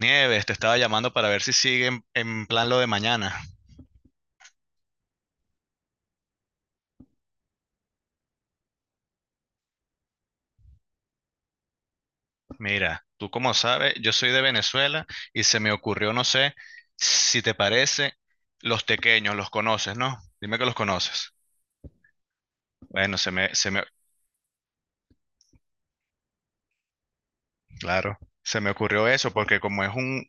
Nieves, te estaba llamando para ver si siguen en plan lo de mañana. Mira, tú como sabes, yo soy de Venezuela y se me ocurrió, no sé, si te parece, los tequeños, los conoces, ¿no? Dime que los conoces. Bueno, claro, se me ocurrió eso porque como es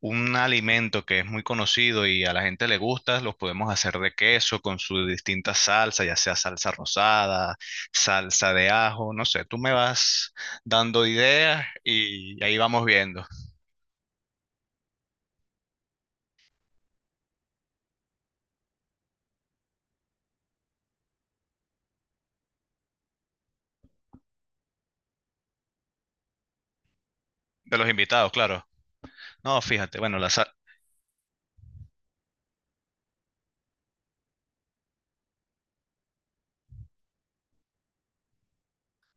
un alimento que es muy conocido y a la gente le gusta, los podemos hacer de queso con su distinta salsa, ya sea salsa rosada, salsa de ajo, no sé, tú me vas dando ideas y ahí vamos viendo. De los invitados, claro. No, fíjate, bueno,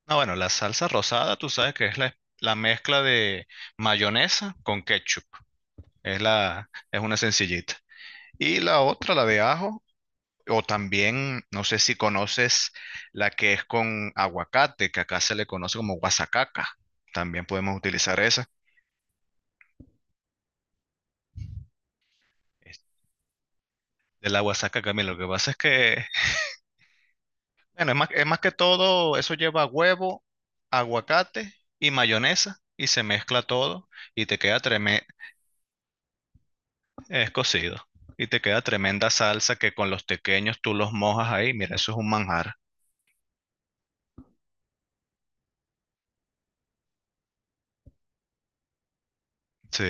no, bueno, la salsa rosada, tú sabes que es la mezcla de mayonesa con ketchup. Es una sencillita. Y la otra, la de ajo, o también, no sé si conoces la que es con aguacate, que acá se le conoce como guasacaca. También podemos utilizar esa. Es- De la guasacaca, mira, lo que pasa es que, bueno, es más que todo, eso lleva huevo, aguacate y mayonesa y se mezcla todo y te queda es cocido. Y te queda tremenda salsa que con los tequeños tú los mojas ahí. Mira, eso es un manjar. Sí.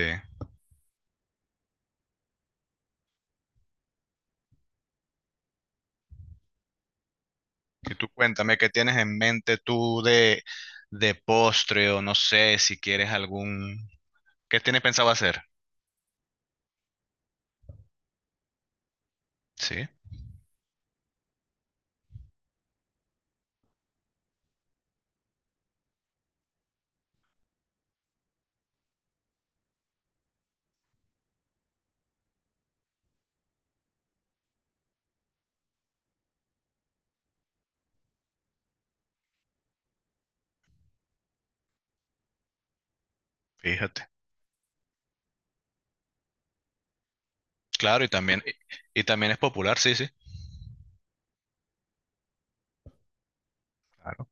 Y tú cuéntame qué tienes en mente tú de postre o no sé si quieres algún... ¿Qué tienes pensado hacer? Sí, fíjate. Claro, y también, y también es popular, sí, sí. Claro.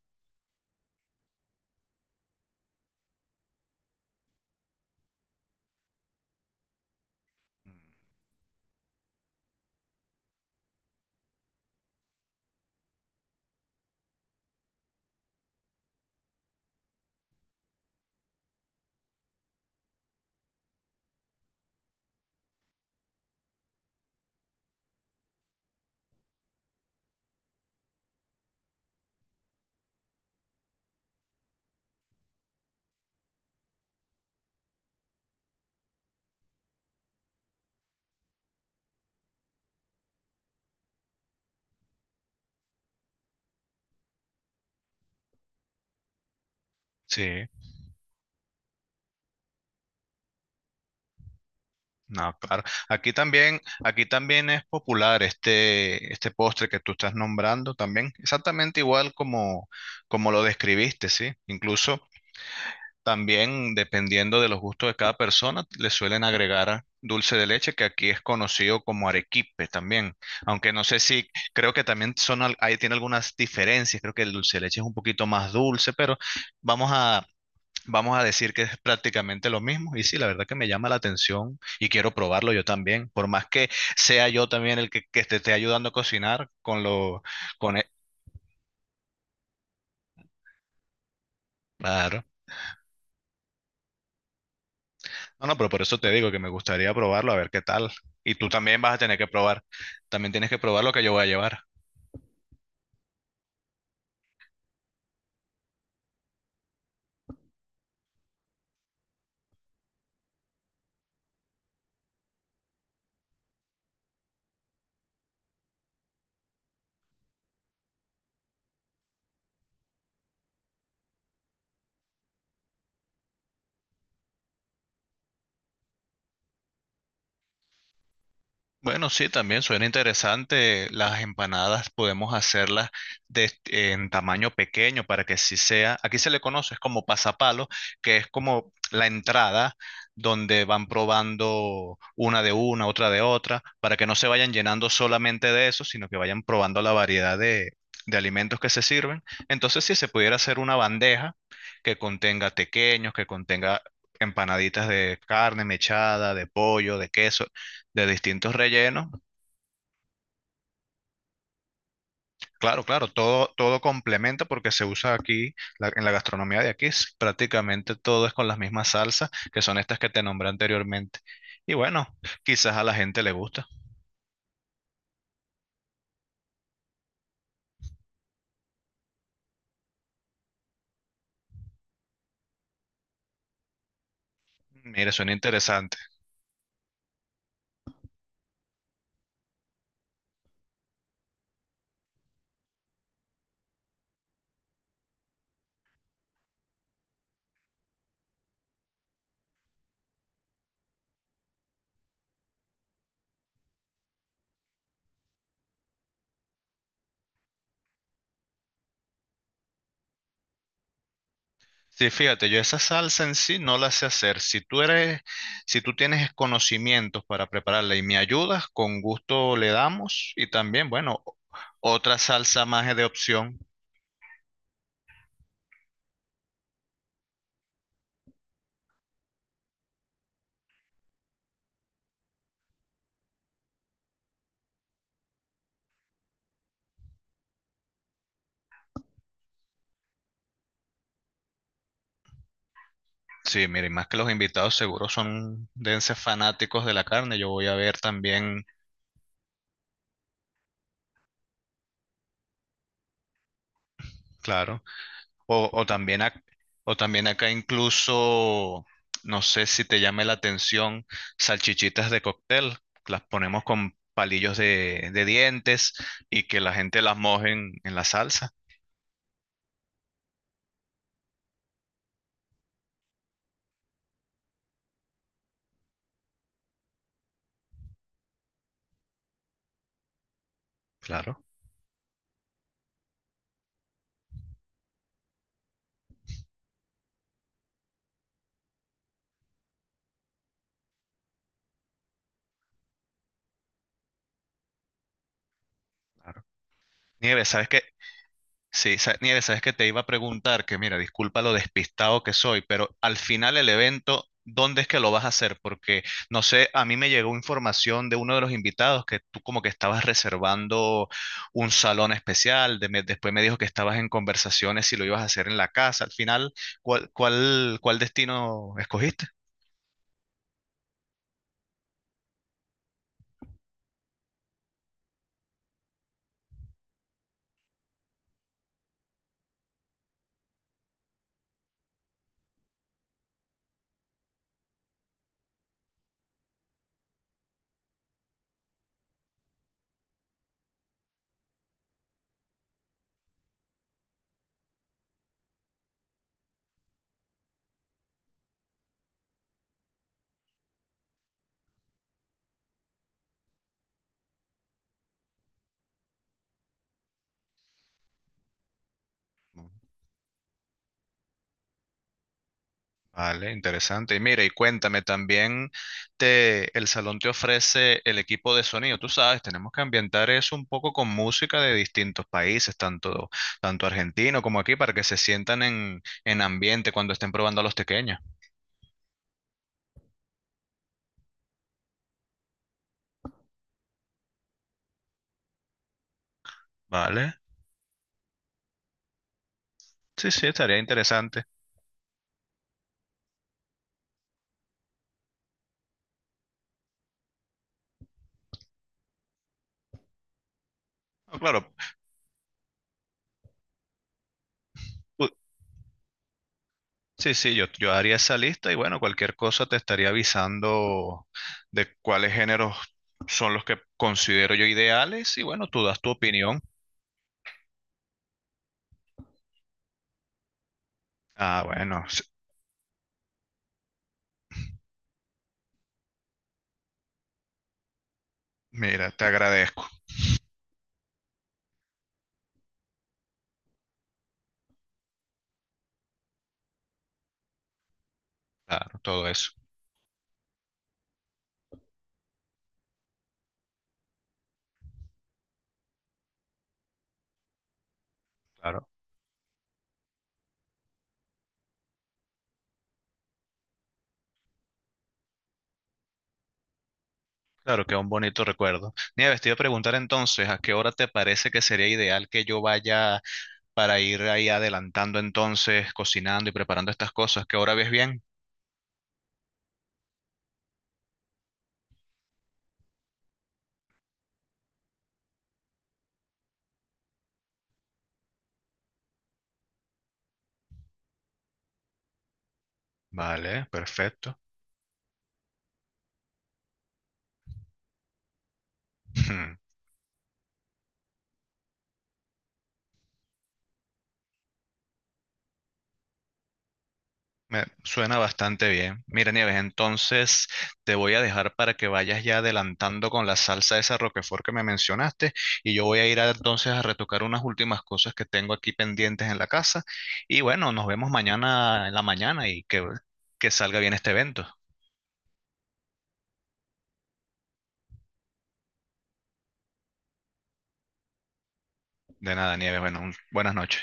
Sí, no, claro. Aquí también es popular este, este postre que tú estás nombrando también, exactamente igual como, como lo describiste, ¿sí? Incluso también, dependiendo de los gustos de cada persona, le suelen agregar dulce de leche, que aquí es conocido como arequipe también. Aunque no sé si, creo que también son, ahí tiene algunas diferencias. Creo que el dulce de leche es un poquito más dulce, pero vamos a, vamos a decir que es prácticamente lo mismo. Y sí, la verdad que me llama la atención y quiero probarlo yo también. Por más que sea yo también el que te esté ayudando a cocinar con lo, con e- claro. No, no, pero por eso te digo que me gustaría probarlo, a ver qué tal. Y tú también vas a tener que probar. También tienes que probar lo que yo voy a llevar. Bueno, sí, también suena interesante. Las empanadas podemos hacerlas de, en tamaño pequeño para que sí sea. Aquí se le conoce es como pasapalo, que es como la entrada donde van probando una de una, otra de otra, para que no se vayan llenando solamente de eso, sino que vayan probando la variedad de alimentos que se sirven. Entonces, si se pudiera hacer una bandeja que contenga tequeños, que contenga empanaditas de carne mechada, de pollo, de queso de distintos rellenos. Claro, claro, todo, todo complementa porque se usa aquí, en la gastronomía de aquí, prácticamente todo es con las mismas salsas, que son estas que te nombré anteriormente. Y bueno, quizás a la gente le gusta. Mira, suena interesante. Sí, fíjate, yo esa salsa en sí no la sé hacer. Si tú eres, si tú tienes conocimientos para prepararla y me ayudas, con gusto le damos. Y también, bueno, otra salsa más de opción. Sí, mire, más que los invitados seguro son dense fanáticos de la carne. Yo voy a ver también, claro, o, o también ac- o también acá incluso, no sé si te llame la atención, salchichitas de cóctel. Las ponemos con palillos de dientes y que la gente las moje en la salsa. Claro, claro. Nieves, ¿sabes qué? Sí, Nieves, sabes que te iba a preguntar que, mira, disculpa lo despistado que soy, pero al final el evento, ¿dónde es que lo vas a hacer? Porque, no sé, a mí me llegó información de uno de los invitados que tú como que estabas reservando un salón especial, después me dijo que estabas en conversaciones si lo ibas a hacer en la casa. Al final, ¿cuál destino escogiste? Vale, interesante. Y mira, y cuéntame también, el salón te ofrece el equipo de sonido. Tú sabes, tenemos que ambientar eso un poco con música de distintos países, tanto argentino como aquí, para que se sientan en ambiente cuando estén probando a los tequeños. Vale, sí, sí, estaría interesante. Ah, claro, u- sí, sí, yo haría esa lista y bueno, cualquier cosa te estaría avisando de cuáles géneros son los que considero yo ideales y bueno, tú das tu opinión. Ah, bueno. Mira, te agradezco. Claro, todo eso. Claro, claro, que un bonito recuerdo. Nieves, te iba a preguntar entonces, ¿a qué hora te parece que sería ideal que yo vaya para ir ahí adelantando entonces, cocinando y preparando estas cosas? ¿Qué hora ves bien? Vale, perfecto. Me suena bastante bien. Mira, Nieves, entonces te voy a dejar para que vayas ya adelantando con la salsa esa Roquefort que me mencionaste y yo voy a ir entonces a retocar unas últimas cosas que tengo aquí pendientes en la casa y bueno, nos vemos mañana en la mañana y que salga bien este evento. De nada, Nieves, bueno, buenas noches.